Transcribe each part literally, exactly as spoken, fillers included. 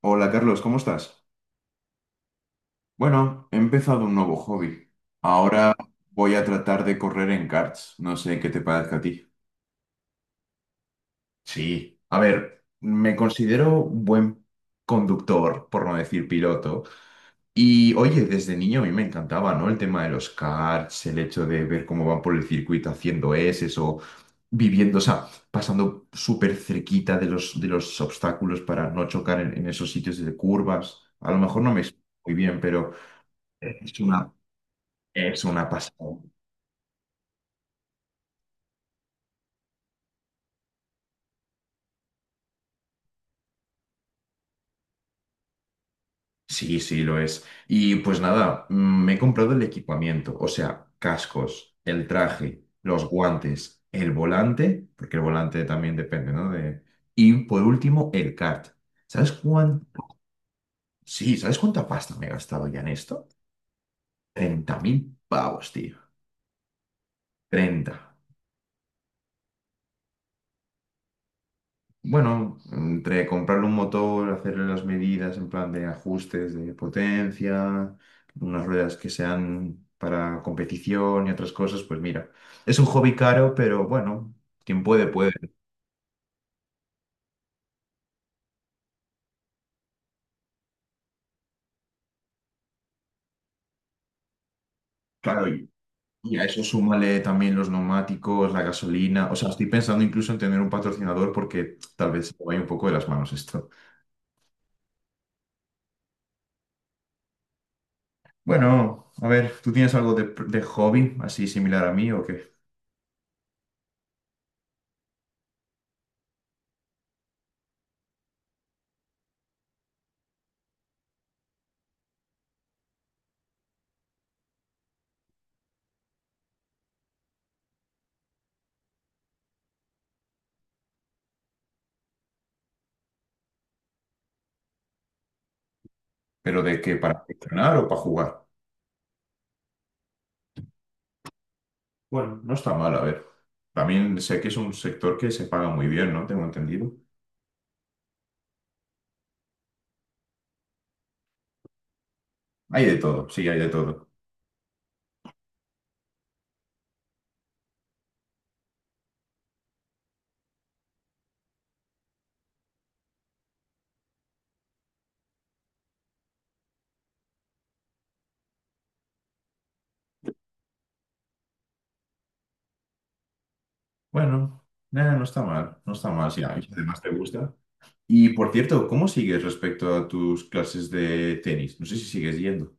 Hola Carlos, ¿cómo estás? Bueno, he empezado un nuevo hobby. Ahora voy a tratar de correr en karts. No sé qué te parezca a ti. Sí, a ver, me considero un buen conductor, por no decir piloto. Y oye, desde niño a mí me encantaba, ¿no? El tema de los karts, el hecho de ver cómo van por el circuito haciendo S o viviendo, o sea, pasando súper cerquita de los, de los obstáculos para no chocar en, en esos sitios de curvas. A lo mejor no me explico muy bien, pero... Es una, es una pasada. Sí, sí, lo es. Y pues nada, mm, me he comprado el equipamiento, o sea, cascos, el traje, los guantes, el volante, porque el volante también depende, ¿no? De... Y por último, el kart. ¿Sabes cuánto? Sí, ¿sabes cuánta pasta me he gastado ya en esto? Treinta mil pavos, tío. Treinta. Bueno, entre comprarle un motor, hacerle las medidas en plan de ajustes de potencia, unas ruedas que sean para competición y otras cosas, pues mira, es un hobby caro, pero bueno, quien puede, puede. Claro, y y a eso súmale también los neumáticos, la gasolina. O sea, estoy pensando incluso en tener un patrocinador porque tal vez se me vaya un poco de las manos esto. Bueno, a ver, ¿tú tienes algo de, de hobby así similar a mí o qué? ¿Pero de qué? ¿Para funcionar o para jugar? Bueno, no está mal, a ver. También sé que es un sector que se paga muy bien, ¿no? Tengo entendido. Hay de todo, sí, hay de todo. Bueno, nada, no está mal, no está mal, sí, a mí además te gusta. Y por cierto, ¿cómo sigues respecto a tus clases de tenis? No sé si sigues yendo.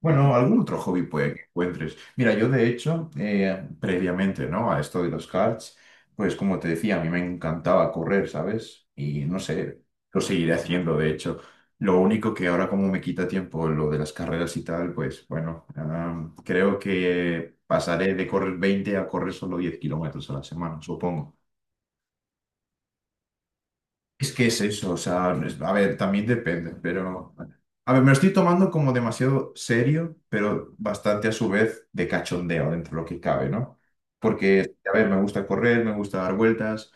Bueno, algún otro hobby puede que encuentres. Mira, yo de hecho, eh, previamente, ¿no? A esto de los karts, pues como te decía, a mí me encantaba correr, ¿sabes? Y no sé, lo seguiré haciendo, de hecho. Lo único que ahora como me quita tiempo lo de las carreras y tal, pues bueno, ah, creo que pasaré de correr veinte a correr solo diez kilómetros a la semana, supongo. Es que es eso, o sea, es- a ver, también depende, pero... A ver, me lo estoy tomando como demasiado serio, pero bastante a su vez de cachondeo dentro de lo que cabe, ¿no? Porque, a ver, me gusta correr, me gusta dar vueltas.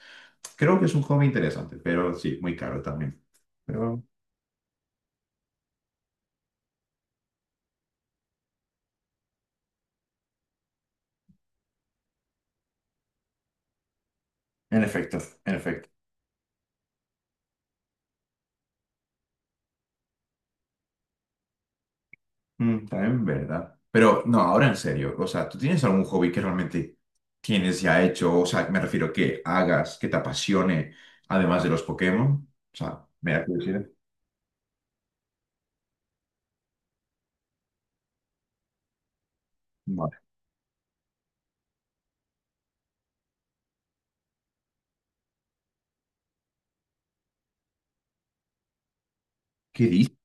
Creo que es un hobby interesante, pero sí, muy caro también. Pero, en efecto, en efecto. Mm, también, ¿verdad? Pero, no, ahora en serio, o sea, ¿tú tienes algún hobby que realmente tienes ya hecho? O sea, me refiero que hagas, que te apasione, además de los Pokémon. O sea, me da curiosidad. ¿Qué dices?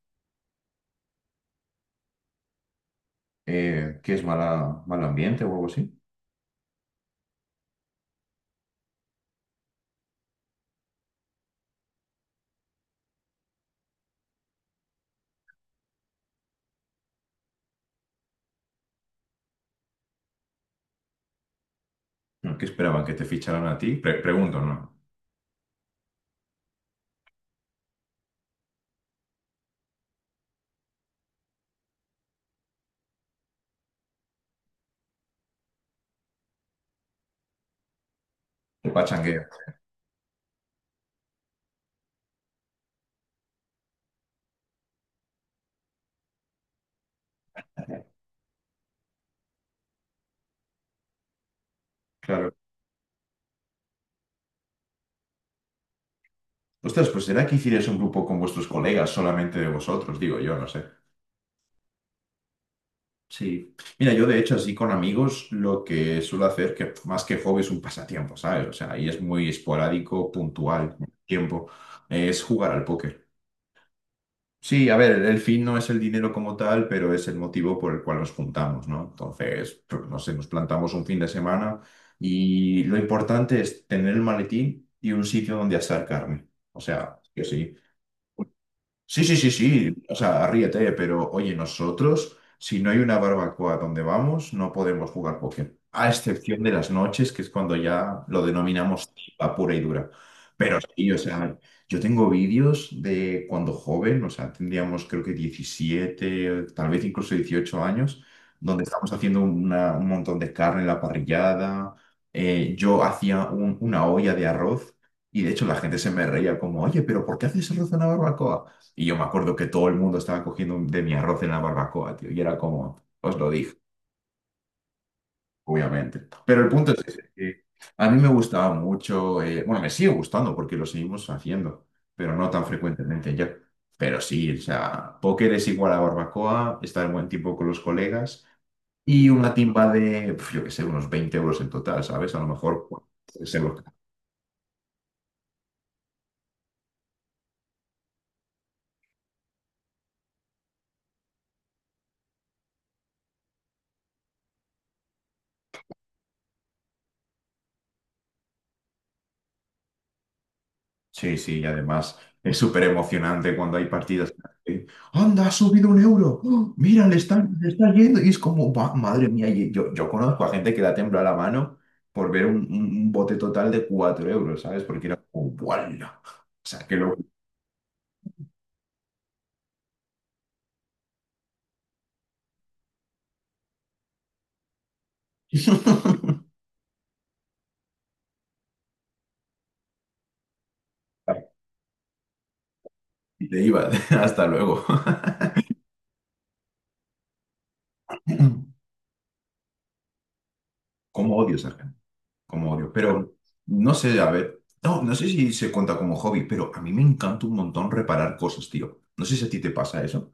Eh, ¿qué es mala, mal ambiente o algo así? No, ¿qué esperaban? ¿Que te ficharan a ti? Pre- pregunto, ¿no? ¿Qué pachangueo? Claro. Ostras, pues será que hicierais un grupo con vuestros colegas, solamente de vosotros, digo yo, no sé. Sí. Mira, yo de hecho así con amigos lo que suelo hacer, que más que hobby es un pasatiempo, ¿sabes? O sea, ahí es muy esporádico, puntual, tiempo, es jugar al póker. Sí, a ver, el fin no es el dinero como tal, pero es el motivo por el cual nos juntamos, ¿no? Entonces, pues, no sé, nos plantamos un fin de semana y lo importante es tener el maletín y un sitio donde asar carne. O sea, que sí. Sí. Sí, sí, sí, sí. O sea, ríete, pero oye, nosotros, si no hay una barbacoa donde vamos, no podemos jugar póker. A excepción de las noches, que es cuando ya lo denominamos a pura y dura. Pero sí, o sea, yo tengo vídeos de cuando joven, o sea, tendríamos creo que diecisiete tal vez incluso dieciocho años, donde estamos haciendo una- un montón de carne en la parrillada. Eh, yo hacía un- una olla de arroz. Y de hecho la gente se me reía como, oye, pero ¿por qué haces arroz en una barbacoa? Y yo me acuerdo que todo el mundo estaba cogiendo de mi arroz en la barbacoa, tío. Y era como, os lo dije, obviamente. Pero el punto es ese, que a mí me gustaba mucho, eh, bueno, me sigue gustando porque lo seguimos haciendo, pero no tan frecuentemente ya. Pero sí, o sea, póker es igual a barbacoa, estar en buen tiempo con los colegas y una timba de, pf, yo qué sé, unos veinte euros en total, ¿sabes? A lo mejor, pues, tres euros. Sí, sí, y además es súper emocionante cuando hay partidas. que, ¡Anda, ha subido un euro! ¡Oh! ¡Mira, le están, le está yendo! Y es como, "Buah, madre mía, y yo, yo conozco a gente que da tembla la mano por ver un, un- un bote total de cuatro euros, ¿sabes? Porque era como, ¡guala! O sea, qué loco. Y te ibas, hasta luego. ¿Cómo odio esa gente? ¿Cómo odio? Pero no sé, a ver, no, no sé si se cuenta como hobby, pero a mí me encanta un montón reparar cosas, tío. No sé si a ti te pasa eso.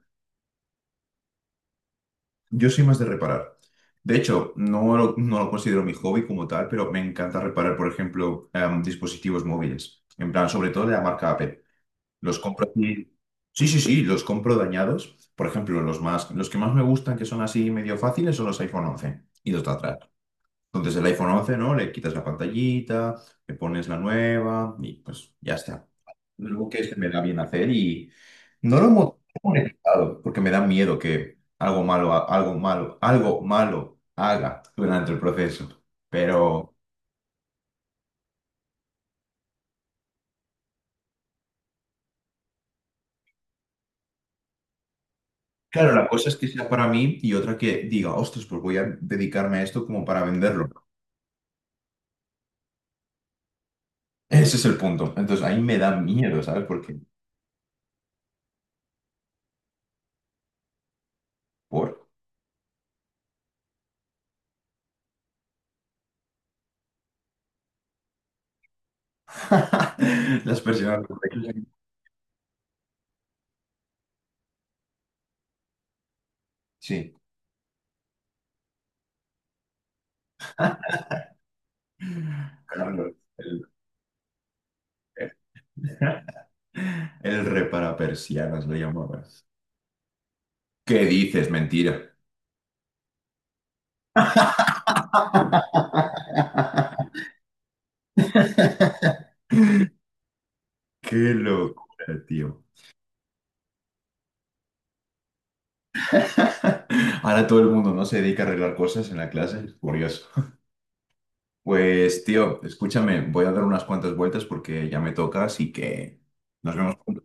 Yo soy más de reparar. De hecho, no lo, no lo considero mi hobby como tal, pero me encanta reparar, por ejemplo, em, dispositivos móviles. En plan, sobre todo de la marca Apple. Los compro aquí. Sí, sí, sí, los compro dañados. Por ejemplo, los más, los que más me gustan, que son así medio fáciles, son los iPhone once y los de atrás. Entonces, el iPhone once, ¿no? Le quitas la pantallita, le pones la nueva y pues ya está, es algo que se me da bien hacer y no lo hemos monetizado porque me da miedo que algo malo, algo malo, algo malo haga durante el proceso. Pero claro, la cosa es que sea para mí y otra que diga, ostras, pues voy a dedicarme a esto como para venderlo. Ese es el punto. Entonces ahí me da miedo, ¿sabes? Porque por las personas. Sí. Claro, el, el re para persianas lo llamabas. ¿Qué dices? Mentira. Qué locura, tío. Ahora todo el mundo no se dedica a arreglar cosas en la clase, es curioso. Pues, tío, escúchame, voy a dar unas cuantas vueltas porque ya me toca, así que nos vemos pronto.